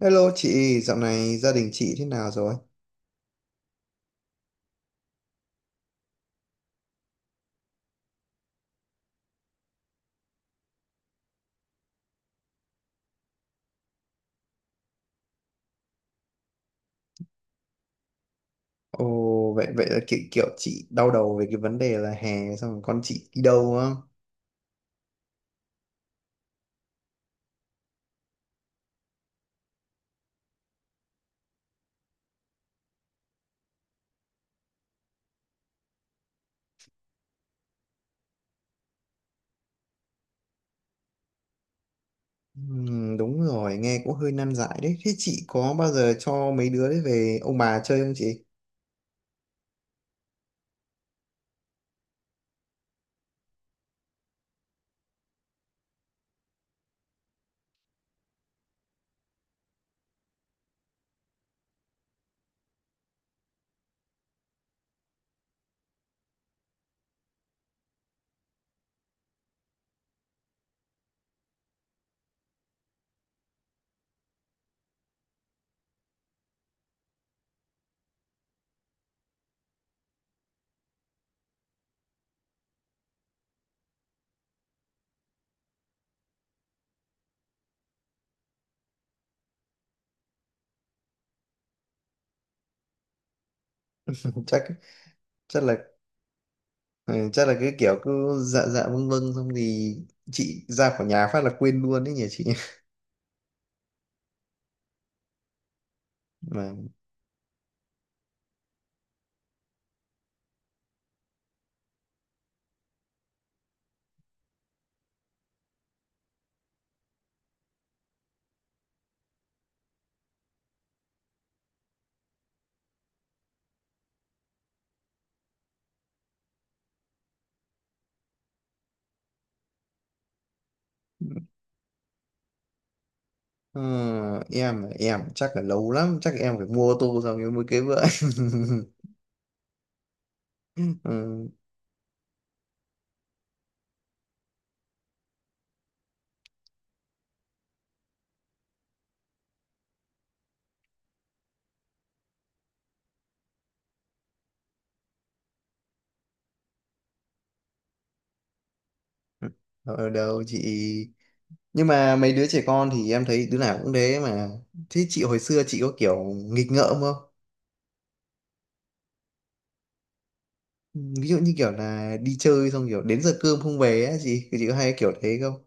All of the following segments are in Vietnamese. Hello chị, dạo này gia đình chị thế nào rồi? Ồ, vậy vậy là kiểu chị đau đầu về cái vấn đề là hè xong rồi con chị đi đâu á? Đúng rồi, nghe cũng hơi nan giải đấy. Thế chị có bao giờ cho mấy đứa đấy về ông bà chơi không chị? Chắc chắc là ừ, chắc là cái kiểu cứ dạ dạ vâng vâng xong thì chị ra khỏi nhà phát là quên luôn đấy nhỉ chị. Mà ờ, em chắc là lâu lắm, chắc em phải mua ô tô xong rồi mới cưới vợ. Ừ. Ở đâu chị, nhưng mà mấy đứa trẻ con thì em thấy đứa nào cũng thế mà. Thế chị hồi xưa chị có kiểu nghịch ngợm không, ví dụ như kiểu là đi chơi xong kiểu đến giờ cơm không về á, chị thì chị có hay kiểu thế không?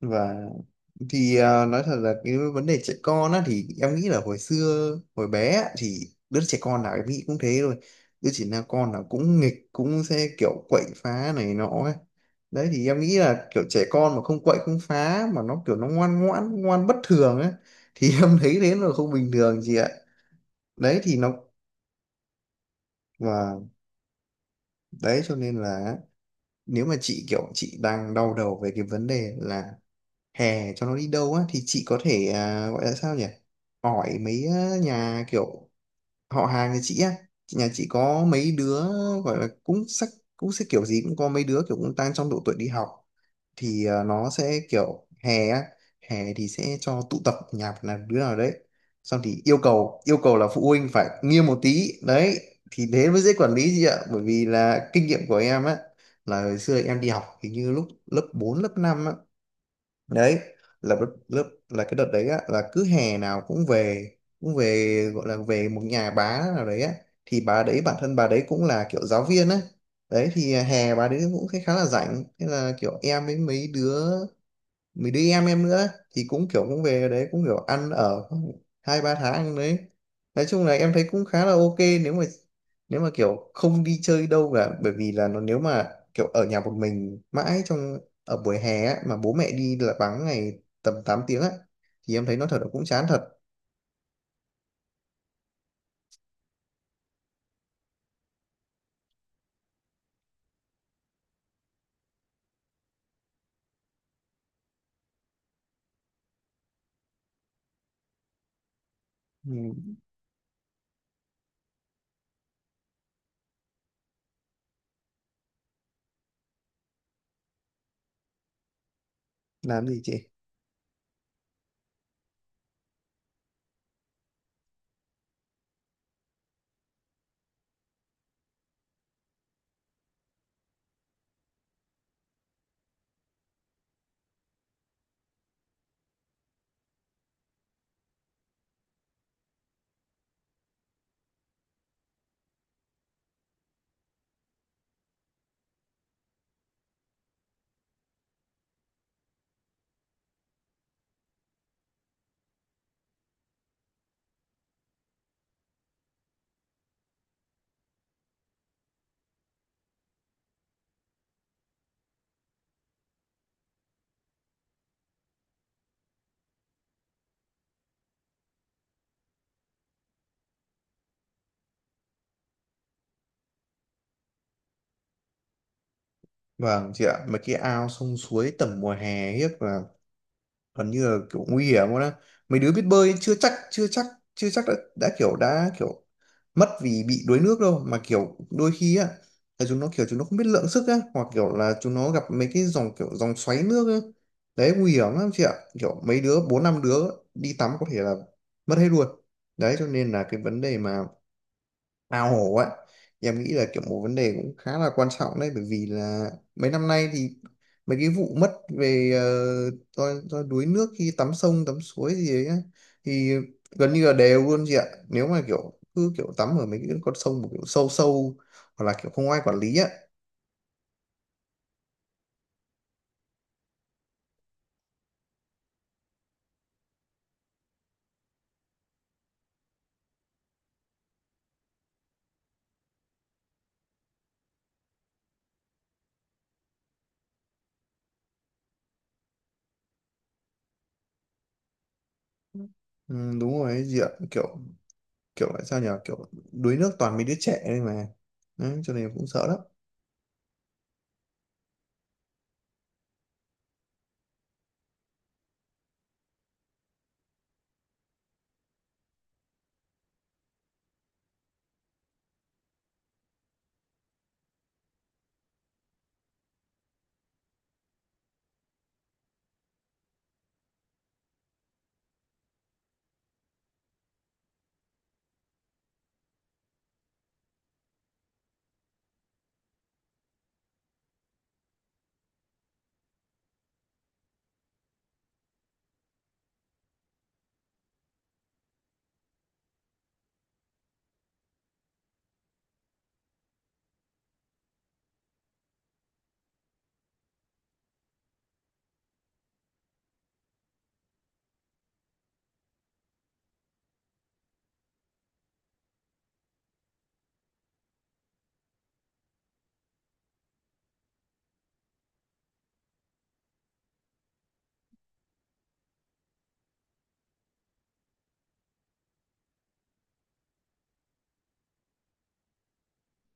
Và thì à, nói thật là cái vấn đề trẻ con á, thì em nghĩ là hồi xưa hồi bé á, thì đứa trẻ con nào em nghĩ cũng thế rồi. Đứa trẻ nào con nào cũng nghịch, cũng sẽ kiểu quậy phá này nọ ấy. Đấy thì em nghĩ là kiểu trẻ con mà không quậy không phá mà nó kiểu nó ngoan ngoãn ngoan bất thường ấy, thì em thấy thế là không bình thường chị ạ. Đấy thì nó, và đấy cho nên là nếu mà chị kiểu chị đang đau đầu về cái vấn đề là hè cho nó đi đâu á, thì chị có thể à, gọi là sao nhỉ, hỏi mấy nhà kiểu họ hàng nhà chị á. Nhà chị có mấy đứa gọi là cũng sắc, cũng sẽ kiểu gì cũng có mấy đứa kiểu cũng đang trong độ tuổi đi học, thì ờ, nó sẽ kiểu hè á, hè thì sẽ cho tụ tập nhà một là đứa nào đấy, xong thì yêu cầu là phụ huynh phải nghiêm một tí đấy, thì thế mới dễ quản lý chị ạ, bởi vì là kinh nghiệm của em á, là hồi xưa em đi học hình như lúc lớp 4 lớp năm á. Đấy là lớp lớp- là cái đợt đấy á, là cứ hè nào cũng về, cũng về gọi là về một nhà bá nào đấy á, thì bà đấy bản thân bà đấy cũng là kiểu giáo viên á. Đấy thì à, hè bà đấy cũng khá khá là rảnh, thế là kiểu em với mấy đứa mình đi em nữa, thì cũng kiểu cũng về đấy cũng kiểu ăn ở hai ba tháng đấy. Nói chung là em thấy cũng khá là ok, nếu mà kiểu không đi chơi đâu cả, bởi vì là nó nếu mà kiểu ở nhà một mình mãi trong ở buổi hè á, mà bố mẹ đi là vắng ngày tầm 8 tiếng á, thì em thấy nó thật là cũng chán thật. Ừ. Làm gì chị? Vâng chị ạ, mấy cái ao sông suối tầm mùa hè hiếp là gần như là kiểu nguy hiểm luôn á. Mấy đứa biết bơi chưa chắc chưa chắc đã kiểu mất vì bị đuối nước đâu, mà kiểu đôi khi á là chúng nó kiểu chúng nó không biết lượng sức á, hoặc kiểu là chúng nó gặp mấy cái dòng kiểu dòng xoáy nước á. Đấy nguy hiểm lắm chị ạ, kiểu mấy đứa bốn năm đứa đi tắm có thể là mất hết luôn. Đấy cho nên là cái vấn đề mà ao hổ ấy, thì em nghĩ là kiểu một vấn đề cũng khá là quan trọng đấy, bởi vì là mấy năm nay thì mấy cái vụ mất về ờ, do đuối nước khi tắm sông tắm suối gì đấy á, thì gần như là đều luôn chị ạ, nếu mà kiểu cứ kiểu tắm ở mấy cái con sông mà kiểu sâu sâu hoặc là kiểu không ai quản lý á. Ừ, đúng rồi ấy chị ạ, kiểu kiểu lại sao nhỉ, kiểu đuối nước toàn mấy đứa trẻ đây mà. Đấy, cho nên em cũng sợ lắm.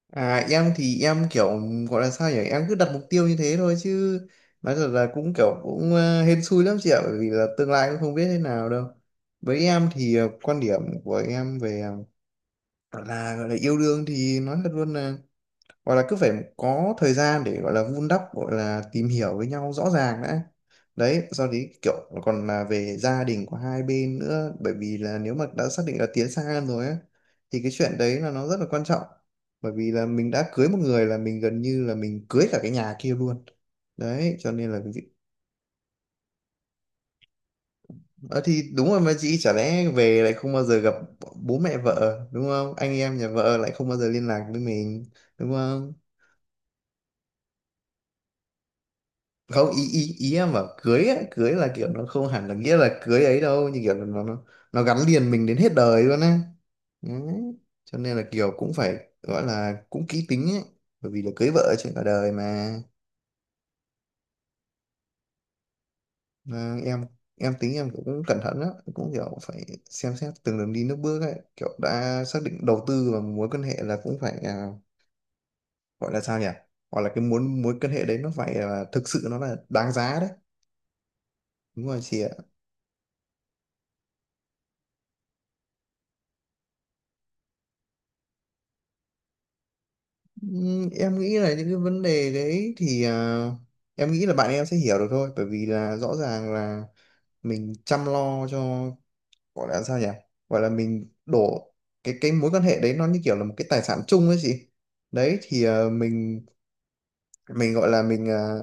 À em thì em kiểu gọi là sao nhỉ, em cứ đặt mục tiêu như thế thôi chứ, nói thật là cũng kiểu cũng ờ, hên xui lắm chị ạ, bởi vì là tương lai cũng không biết thế nào đâu. Với em thì ờ, quan điểm của em về ờ, là gọi là yêu đương thì nói thật luôn là gọi là cứ phải có thời gian để gọi là vun đắp, gọi là tìm hiểu với nhau rõ ràng đã. Đấy sau đấy kiểu còn là về gia đình của hai bên nữa, bởi vì là nếu mà đã xác định là tiến xa hơn rồi á, thì cái chuyện đấy là nó rất là quan trọng, bởi vì là mình đã cưới một người là mình gần như là mình cưới cả cái nhà kia luôn. Đấy cho nên là Ờ, thì đúng rồi mà chị, chả lẽ về lại không bao giờ gặp bố mẹ vợ, đúng không, anh em nhà vợ lại không bao giờ liên lạc với mình, đúng không? Không, ý ý ý em bảo cưới á, cưới là kiểu nó không hẳn là nghĩa là cưới ấy đâu, như kiểu là nó nó gắn liền mình đến hết đời luôn á. Đấy. Cho nên là kiểu cũng phải gọi là cũng kỹ tính ấy, bởi vì là cưới vợ trên cả đời mà. Mà em tính em cũng cẩn thận á, cũng kiểu phải xem xét từng đường đi nước bước ấy, kiểu đã xác định đầu tư vào mối quan hệ là cũng phải à, gọi là sao nhỉ, gọi là cái muốn mối quan hệ đấy nó phải là thực sự nó là đáng giá đấy. Đúng rồi chị ạ. Em nghĩ là những cái vấn đề đấy thì à, em nghĩ là bạn em sẽ hiểu được thôi, bởi vì là rõ ràng là mình chăm lo cho gọi là sao nhỉ, gọi là mình đổ cái mối quan hệ đấy nó như kiểu là một cái tài sản chung ấy chị. Đấy thì à, mình gọi là mình à,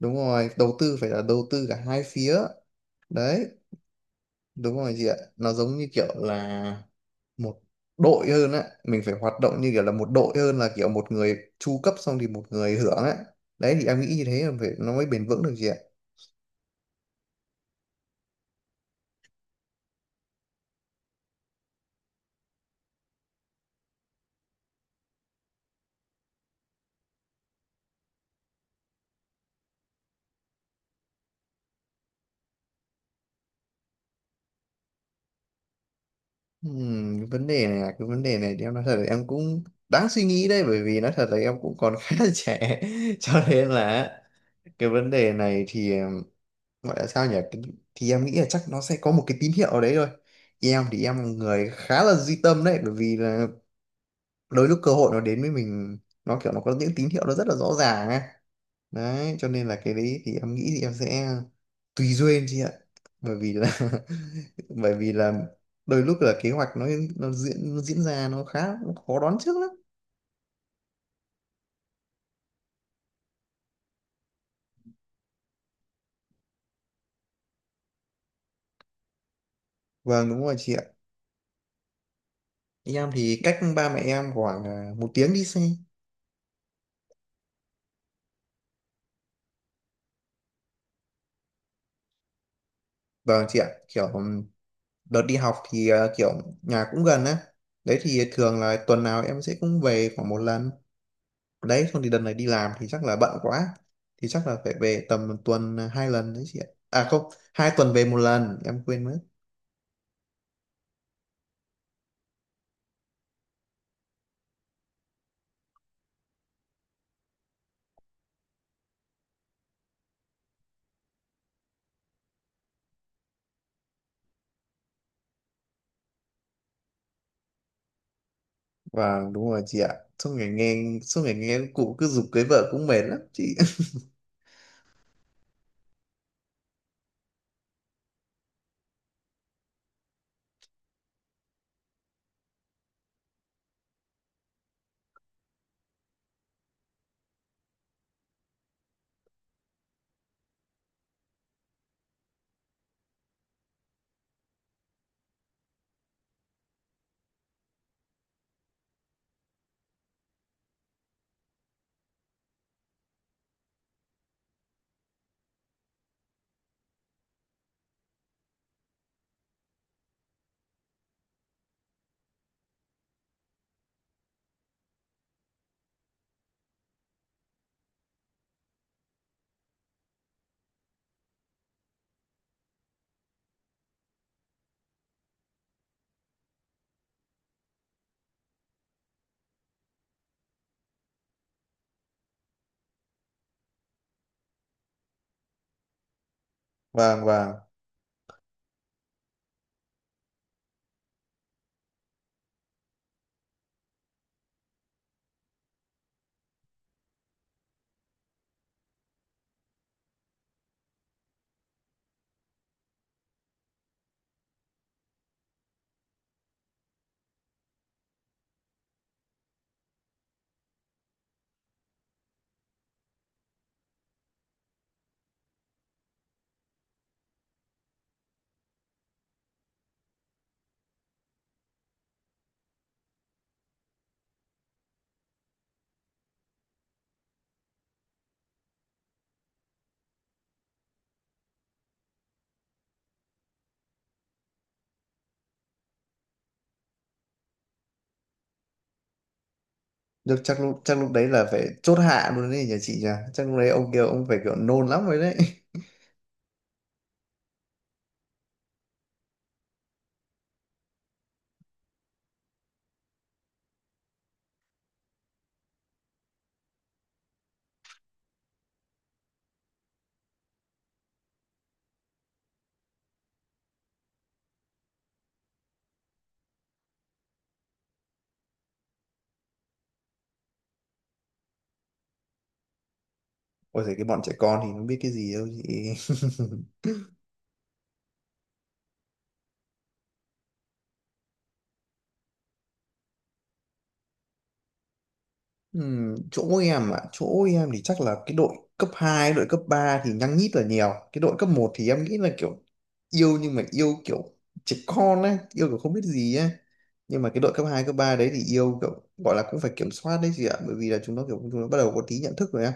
đúng rồi, đầu tư phải là đầu tư cả hai phía. Đấy, đúng rồi chị ạ, nó giống như kiểu là một đội hơn á, mình phải hoạt động như kiểu là một đội hơn là kiểu một người chu cấp xong thì một người hưởng á. Đấy thì em nghĩ như thế là phải nó mới bền vững được chị ạ. Cái vấn đề này thì em nói thật là em cũng đáng suy nghĩ đấy, bởi vì nói thật là em cũng còn khá là trẻ, cho nên là cái vấn đề này thì gọi là sao nhỉ, thì em nghĩ là chắc nó sẽ có một cái tín hiệu ở đấy thôi. Em thì em là người khá là duy tâm đấy, bởi vì là đôi lúc cơ hội nó đến với mình, nó kiểu nó có những tín hiệu nó rất là rõ ràng ấy. Đấy cho nên là cái đấy thì em nghĩ thì em sẽ tùy duyên chị ạ, bởi vì là bởi vì là đôi lúc là kế hoạch nó nó diễn ra nó khá nó khó đoán trước lắm. Vâng đúng rồi chị ạ. Em thì cách ba mẹ em khoảng à, một tiếng đi xe. Vâng chị ạ, kiểu đợt đi học thì à, kiểu nhà cũng gần á, đấy thì thường là tuần nào em sẽ cũng về khoảng một lần. Đấy xong thì đợt này đi làm thì chắc là bận quá, thì chắc là phải về tầm một tuần hai lần đấy chị ạ, à không, hai tuần về một lần em quên mất. Vâng đúng rồi chị ạ, suốt ngày nghe cụ cứ giục cưới vợ cũng mệt lắm chị. Vâng vâng được, chắc lúc đấy là phải chốt hạ luôn đấy nhà chị nhỉ, chắc lúc đấy ông kia ông phải kiểu nôn lắm rồi đấy. Ôi giời cái bọn trẻ con thì nó biết cái gì đâu chị. Chỗ em ạ, chỗ em thì chắc là cái đội cấp 2, đội cấp 3 thì nhăng nhít là nhiều. Cái đội cấp một thì em nghĩ là kiểu yêu nhưng mà yêu kiểu trẻ con ấy, yêu kiểu không biết gì ấy. Nhưng mà cái đội cấp 2 cấp 3 đấy thì yêu kiểu gọi là cũng phải kiểm soát đấy chị ạ, bởi vì là chúng nó bắt đầu có tí nhận thức rồi á.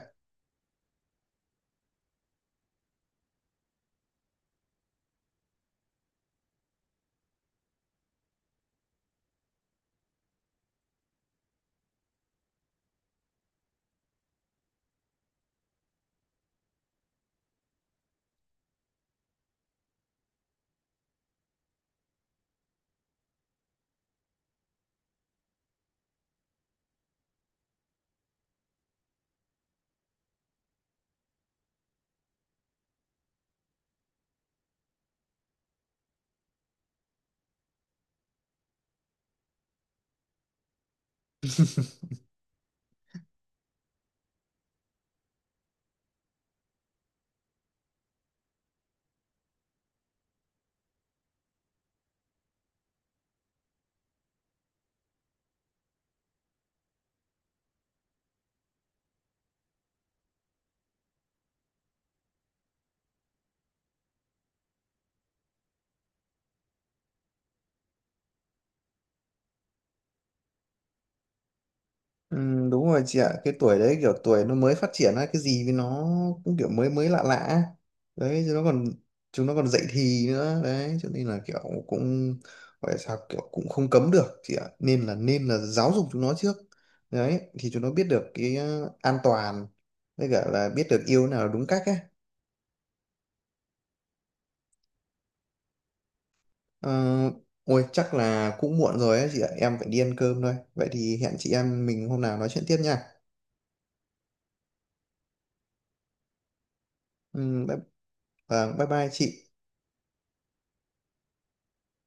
Ừ, đúng rồi chị ạ, cái tuổi đấy kiểu tuổi nó mới phát triển á, cái gì với nó cũng kiểu mới mới lạ lạ á. Đấy chứ nó còn chúng nó còn dậy thì nữa, đấy cho nên là kiểu cũng gọi là sao, kiểu cũng không cấm được chị ạ, nên là giáo dục chúng nó trước. Đấy thì chúng nó biết được cái ờ, an toàn với cả là biết được yêu nào là đúng cách ấy. Ờ, ôi chắc là cũng muộn rồi ấy chị ạ, em phải đi ăn cơm thôi, vậy thì hẹn chị em mình hôm nào nói chuyện tiếp nha. Ừ, bye, vâng, bye bye chị.